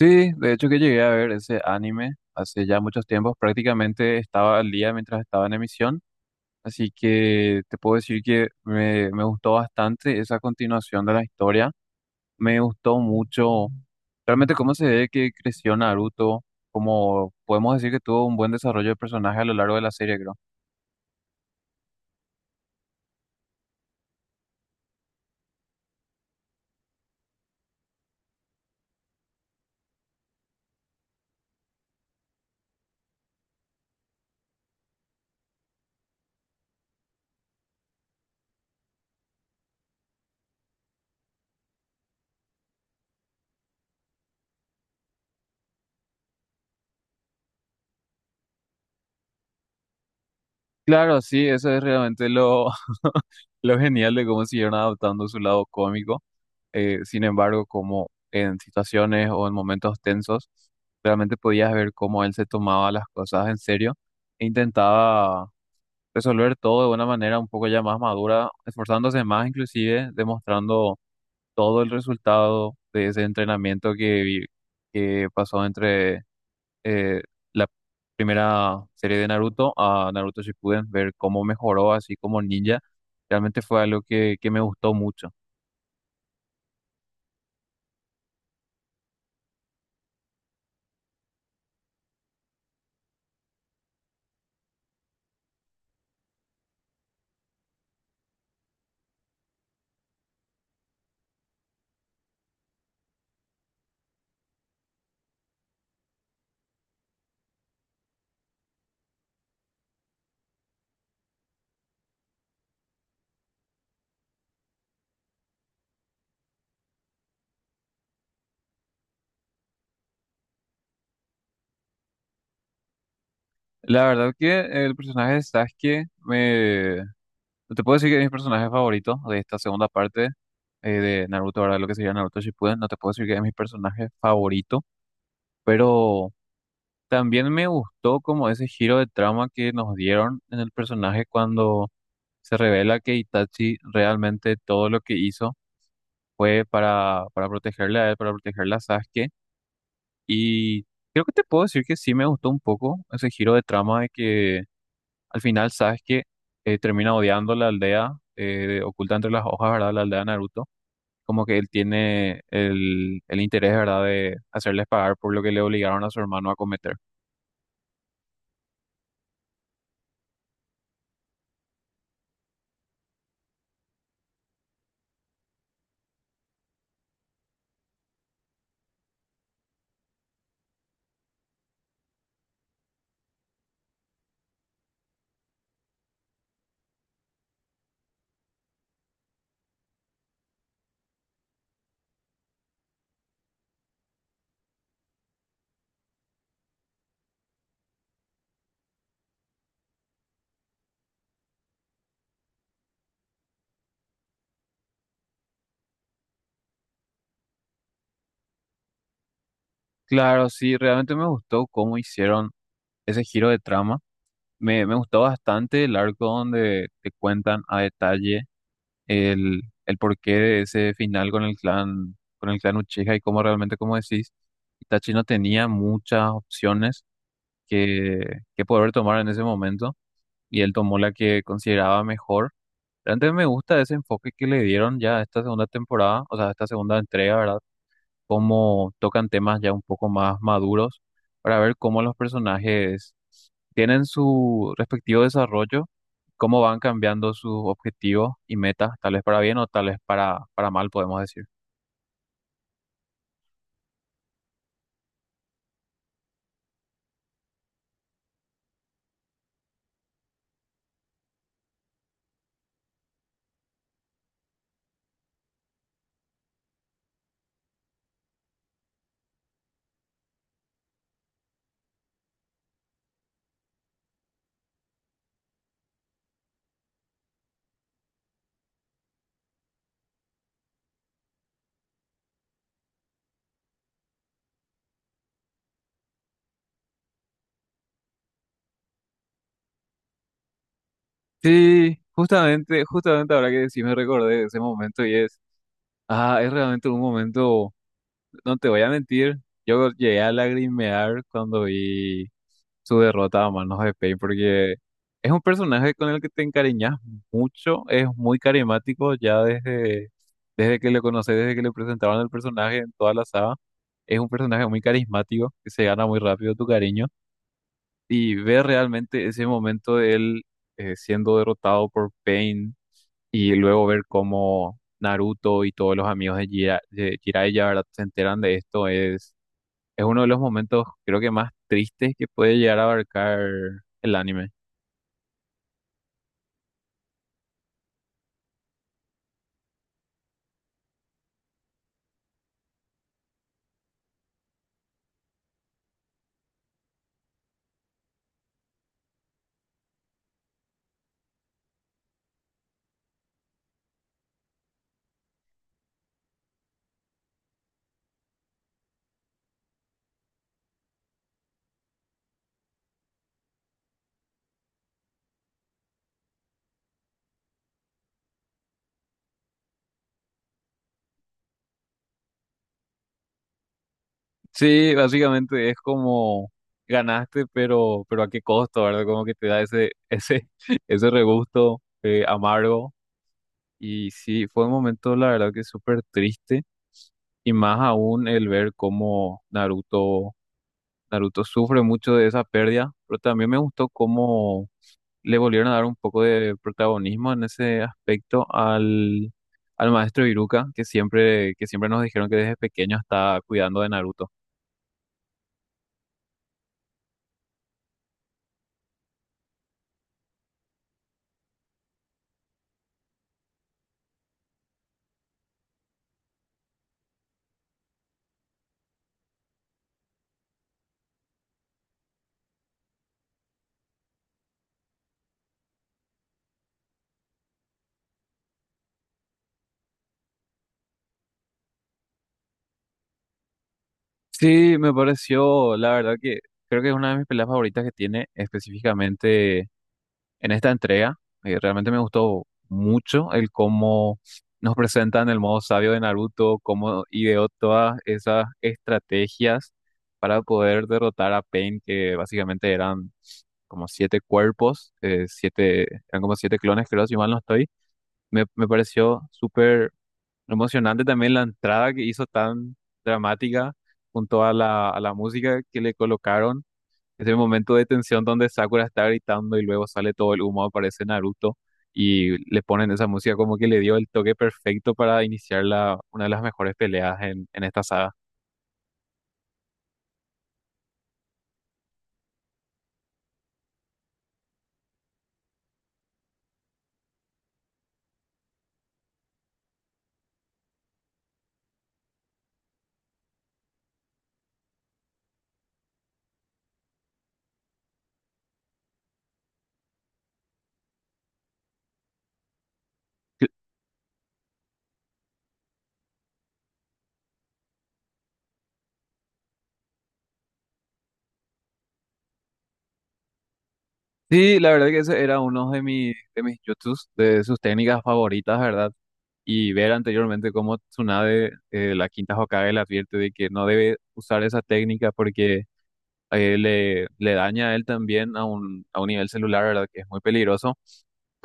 Sí, de hecho que llegué a ver ese anime hace ya muchos tiempos, prácticamente estaba al día mientras estaba en emisión, así que te puedo decir que me gustó bastante esa continuación de la historia, me gustó mucho realmente cómo se ve que creció Naruto, como podemos decir que tuvo un buen desarrollo de personaje a lo largo de la serie, creo. Claro, sí, eso es realmente lo, lo genial de cómo siguieron adaptando su lado cómico. Sin embargo, como en situaciones o en momentos tensos, realmente podías ver cómo él se tomaba las cosas en serio e intentaba resolver todo de una manera un poco ya más madura, esforzándose más inclusive, demostrando todo el resultado de ese entrenamiento que pasó entre eh, la primera serie de Naruto a Naruto Shippuden, ver cómo mejoró así como ninja, realmente fue algo que me gustó mucho. La verdad que el personaje de Sasuke no te puedo decir que es mi personaje favorito de esta segunda parte de Naruto, ahora lo que sería Naruto Shippuden. No te puedo decir que es mi personaje favorito, pero también me gustó como ese giro de trama que nos dieron en el personaje cuando se revela que Itachi realmente todo lo que hizo fue para protegerle a él, para protegerle a Sasuke. Y creo que te puedo decir que sí me gustó un poco ese giro de trama de que al final, sabes que termina odiando la aldea oculta entre las hojas, ¿verdad? La aldea de Naruto. Como que él tiene el interés, ¿verdad? De hacerles pagar por lo que le obligaron a su hermano a cometer. Claro, sí, realmente me gustó cómo hicieron ese giro de trama. Me gustó bastante el arco donde te cuentan a detalle el porqué de ese final con el clan, Uchiha y cómo realmente, como decís, Itachi no tenía muchas opciones que, que poder tomar en ese momento y él tomó la que consideraba mejor. Realmente me gusta ese enfoque que le dieron ya a esta segunda temporada, o sea, a esta segunda entrega, ¿verdad? Cómo tocan temas ya un poco más maduros para ver cómo los personajes tienen su respectivo desarrollo, cómo van cambiando sus objetivos y metas, tal vez para bien o tal vez para mal, podemos decir. Sí, justamente ahora que sí me recordé de ese momento y es realmente un momento. No te voy a mentir, yo llegué a lagrimear cuando vi su derrota a manos de Pain porque es un personaje con el que te encariñas mucho, es muy carismático ya desde que lo conoces, desde que le presentaban el personaje en toda la saga. Es un personaje muy carismático que se gana muy rápido tu cariño y ver realmente ese momento de él siendo derrotado por Pain y luego ver cómo Naruto y todos los amigos de, Jiraiya, ¿verdad?, se enteran de esto es uno de los momentos, creo, que más tristes que puede llegar a abarcar el anime. Sí, básicamente es como ganaste, pero a qué costo, ¿verdad? Como que te da ese, ese regusto amargo. Y sí, fue un momento, la verdad, que súper triste. Y más aún el ver cómo Naruto sufre mucho de esa pérdida, pero también me gustó cómo le volvieron a dar un poco de protagonismo en ese aspecto al maestro Iruka, que siempre nos dijeron que desde pequeño está cuidando de Naruto. Sí, me pareció, la verdad, que creo que es una de mis peleas favoritas que tiene específicamente en esta entrega. Realmente me gustó mucho el cómo nos presentan el modo sabio de Naruto, cómo ideó todas esas estrategias para poder derrotar a Pain, que básicamente eran como siete cuerpos, eran como siete clones, creo, si mal no estoy. Me pareció súper emocionante también la entrada que hizo tan dramática junto a la música que le colocaron. Ese momento de tensión donde Sakura está gritando y luego sale todo el humo, aparece Naruto y le ponen esa música como que le dio el toque perfecto para iniciar una de las mejores peleas en esta saga. Sí, la verdad que ese era uno de mis jutsus, de sus técnicas favoritas, ¿verdad? Y ver anteriormente cómo Tsunade, la quinta Hokage, le advierte de que no debe usar esa técnica porque le daña a él también a un nivel celular, ¿verdad? Que es muy peligroso.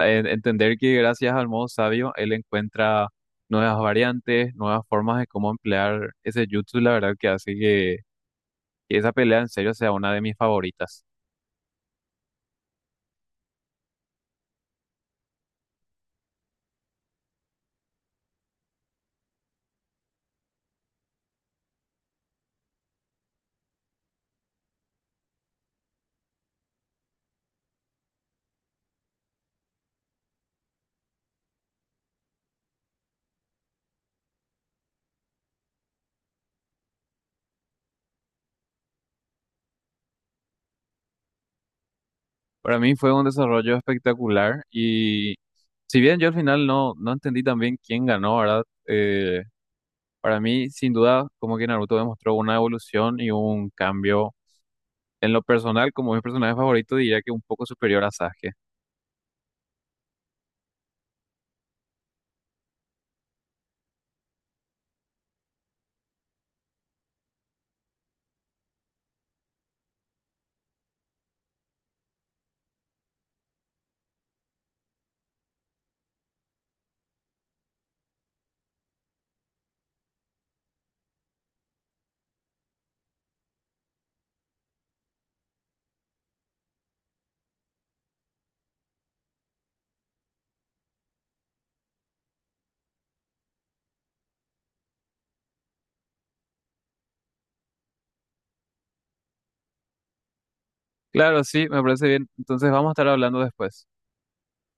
Entender que gracias al modo sabio, él encuentra nuevas variantes, nuevas formas de cómo emplear ese jutsu, la verdad que hace que esa pelea en serio sea una de mis favoritas. Para mí fue un desarrollo espectacular y si bien yo al final no, no entendí también quién ganó, ¿verdad? Para mí, sin duda, como que Naruto demostró una evolución y un cambio en lo personal, como mi personaje favorito, diría que un poco superior a Sasuke. Claro, sí, me parece bien. Entonces vamos a estar hablando después.